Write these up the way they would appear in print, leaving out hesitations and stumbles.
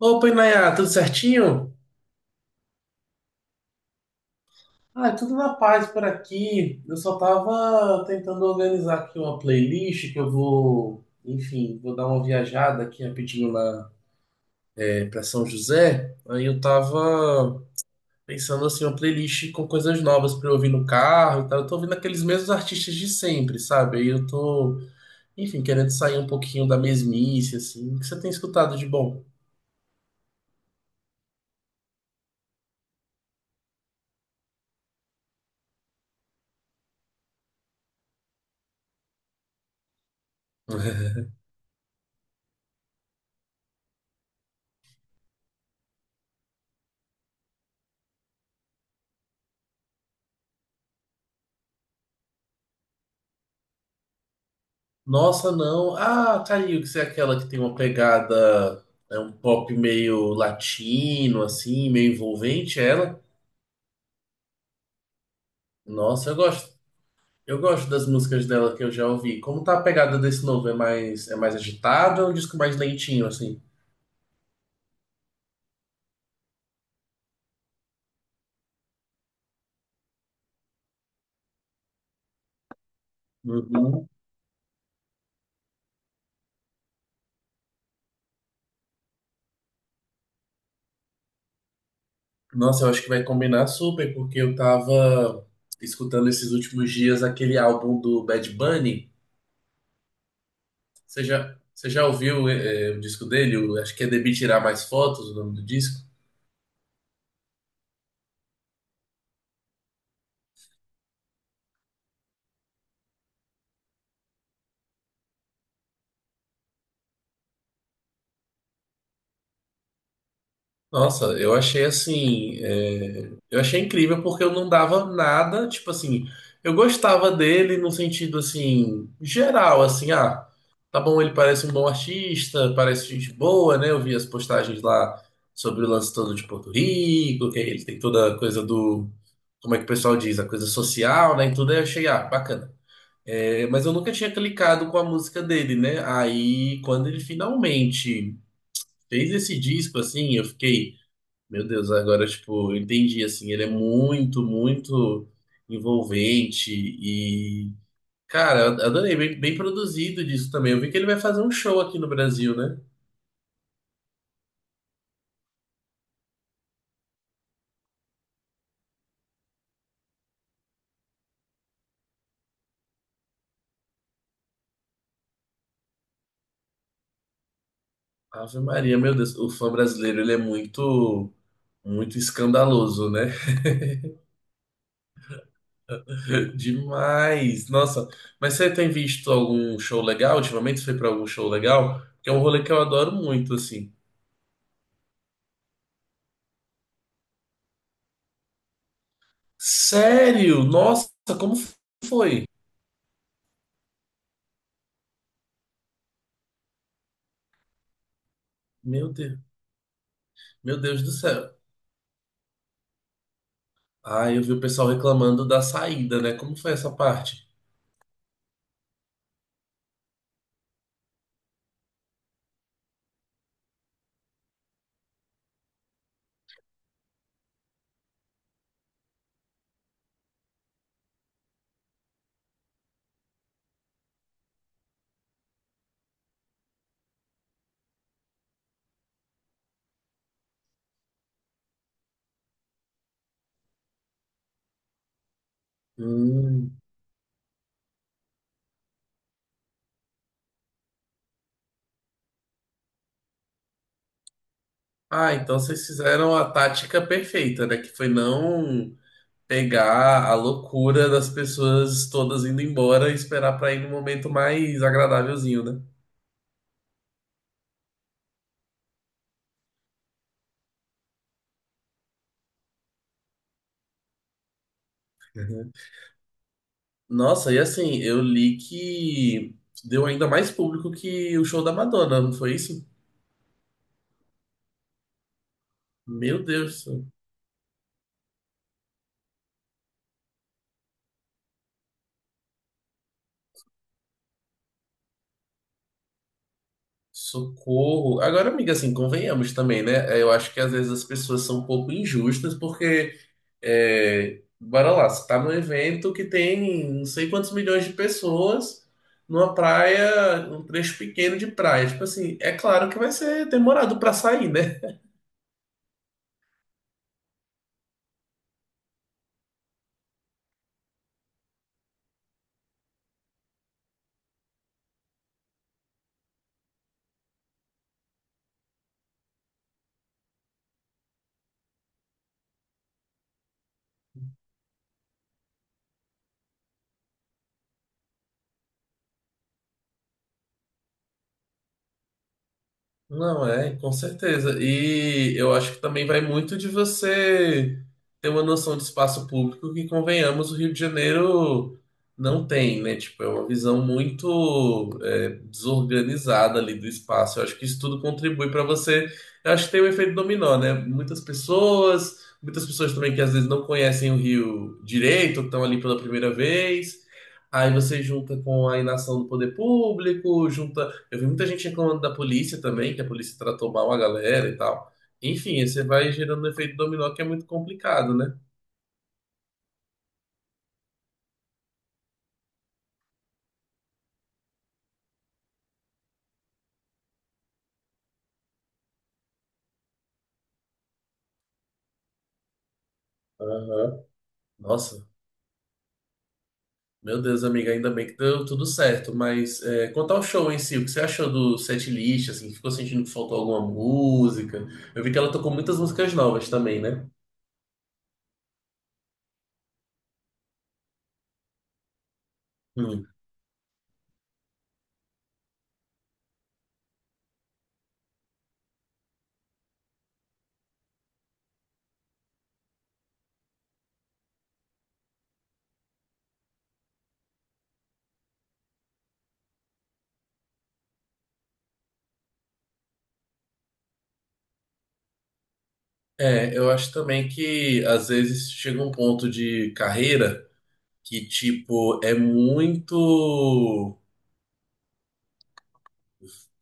Opa, Inayá, tudo certinho? Ah, tudo na paz por aqui. Eu só tava tentando organizar aqui uma playlist que eu vou, enfim, vou dar uma viajada aqui rapidinho lá para São José. Aí eu tava pensando assim, uma playlist com coisas novas para eu ouvir no carro e tal. Eu tô ouvindo aqueles mesmos artistas de sempre, sabe? Aí eu tô, enfim, querendo sair um pouquinho da mesmice, assim. O que você tem escutado de bom? Nossa, não. Ah, caiu, que você é aquela que tem uma pegada, é um pop meio latino, assim, meio envolvente, é ela. Nossa, eu gosto. Eu gosto das músicas dela que eu já ouvi. Como tá a pegada desse novo? É mais agitado ou é um disco mais lentinho, assim? Uhum. Nossa, eu acho que vai combinar super, porque eu tava escutando esses últimos dias aquele álbum do Bad Bunny. Você já ouviu, o disco dele? Acho que é Debir Tirar Mais Fotos, o nome do disco. Nossa, eu achei assim, eu achei incrível porque eu não dava nada, tipo assim, eu gostava dele no sentido assim, geral, assim, ah, tá bom, ele parece um bom artista, parece gente boa, né? Eu vi as postagens lá sobre o lance todo de Porto Rico, que ele tem toda a coisa do, como é que o pessoal diz, a coisa social, né? E tudo, aí eu achei, ah, bacana. É, mas eu nunca tinha clicado com a música dele, né? Aí, quando ele finalmente fez esse disco, assim, eu fiquei. Meu Deus, agora, tipo, eu entendi, assim, ele é muito, muito envolvente e, cara, eu adorei, bem, bem produzido disso também. Eu vi que ele vai fazer um show aqui no Brasil, né? Ave Maria, meu Deus, o fã brasileiro, ele é muito, muito escandaloso, né? Demais! Nossa, mas você tem visto algum show legal? Ultimamente você foi pra algum show legal? Que é um rolê que eu adoro muito, assim. Sério? Nossa, como foi? Meu Deus, meu Deus do céu. Ah, eu vi o pessoal reclamando da saída, né? Como foi essa parte? Hum. Ah, então vocês fizeram a tática perfeita, né? Que foi não pegar a loucura das pessoas todas indo embora e esperar pra ir num momento mais agradávelzinho, né? Uhum. Nossa, e assim, eu li que deu ainda mais público que o show da Madonna, não foi isso? Meu Deus, socorro. Agora, amiga, assim, convenhamos também, né? Eu acho que às vezes as pessoas são um pouco injustas porque. É, bora lá, você tá num evento que tem não sei quantos milhões de pessoas numa praia, um trecho pequeno de praia. Tipo assim, é claro que vai ser demorado pra sair, né? Não é, com certeza. E eu acho que também vai muito de você ter uma noção de espaço público que, convenhamos, o Rio de Janeiro não tem, né? Tipo, é uma visão muito desorganizada ali do espaço. Eu acho que isso tudo contribui para você. Eu acho que tem o efeito dominó, né? Muitas pessoas também que às vezes não conhecem o Rio direito, estão ali pela primeira vez. Aí você junta com a inação do poder público, junta. Eu vi muita gente reclamando da polícia também, que a polícia tratou mal a galera e tal. Enfim, aí você vai gerando um efeito dominó que é muito complicado, né? Aham. Nossa, meu Deus, amiga, ainda bem que deu tudo certo. Mas é, quanto ao show em si, o que você achou do setlist, assim, ficou sentindo que faltou alguma música? Eu vi que ela tocou muitas músicas novas também, né? Hum. É, eu acho também que às vezes chega um ponto de carreira que, tipo, é muito.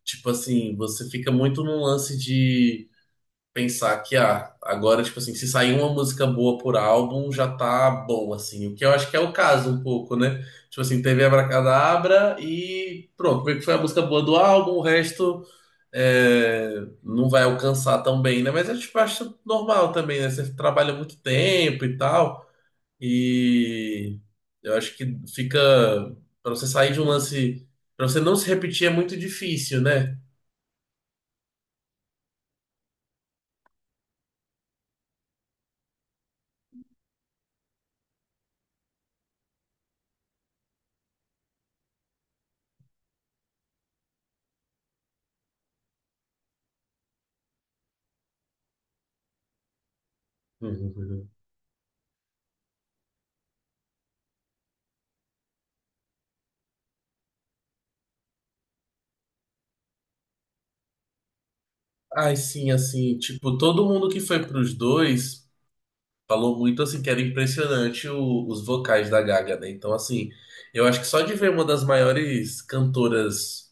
Tipo assim, você fica muito num lance de pensar que, ah, agora, tipo assim, se sair uma música boa por álbum, já tá bom, assim. O que eu acho que é o caso um pouco, né? Tipo assim, teve Abracadabra e pronto, meio que foi a música boa do álbum, o resto é, não vai alcançar tão bem, né? Mas eu tipo, acho normal também, né? Você trabalha muito tempo e tal, e eu acho que fica. Pra você sair de um lance. Pra você não se repetir é muito difícil, né? Ai, sim, assim, tipo, todo mundo que foi pros dois falou muito, assim, que era impressionante os vocais da Gaga, né? Então, assim, eu acho que só de ver uma das maiores cantoras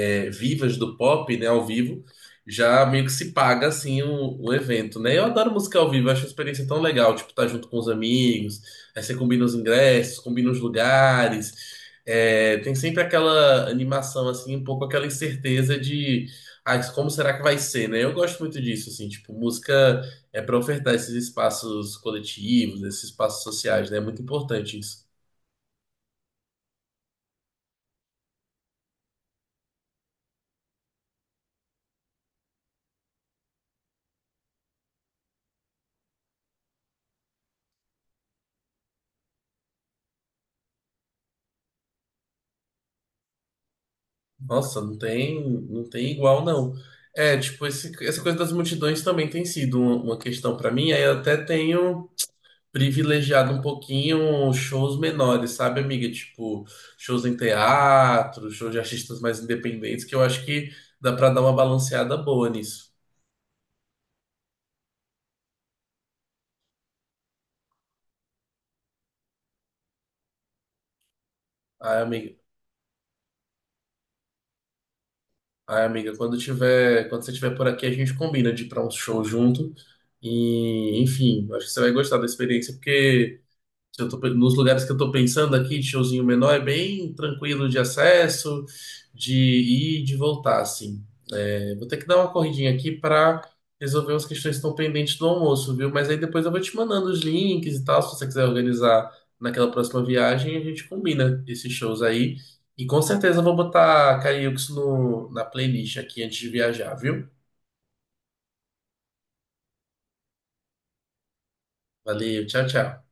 vivas do pop, né, ao vivo, já meio que se paga assim o evento, né? Eu adoro música ao vivo, acho uma experiência tão legal, tipo, tá junto com os amigos, aí você combina os ingressos, combina os lugares. É, tem sempre aquela animação, assim, um pouco aquela incerteza de ah, como será que vai ser, né? Eu gosto muito disso, assim, tipo, música é para ofertar esses espaços coletivos, esses espaços sociais, né? É muito importante isso. Nossa, não tem igual, não. É, tipo, essa coisa das multidões também tem sido uma questão pra mim. Aí eu até tenho privilegiado um pouquinho shows menores, sabe, amiga? Tipo, shows em teatro, shows de artistas mais independentes, que eu acho que dá pra dar uma balanceada boa nisso. Ai, amiga, ai, amiga, quando tiver, quando você estiver por aqui, a gente combina de ir pra um show junto. E, enfim, acho que você vai gostar da experiência, porque. Se eu tô nos lugares que eu tô pensando aqui, de showzinho menor, é bem tranquilo de acesso, de ir e de voltar, assim. É, vou ter que dar uma corridinha aqui para resolver as questões que estão pendentes do almoço, viu? Mas aí depois eu vou te mandando os links e tal, se você quiser organizar naquela próxima viagem, a gente combina esses shows aí. E com certeza eu vou botar Cariúx no na playlist aqui antes de viajar, viu? Valeu, tchau, tchau.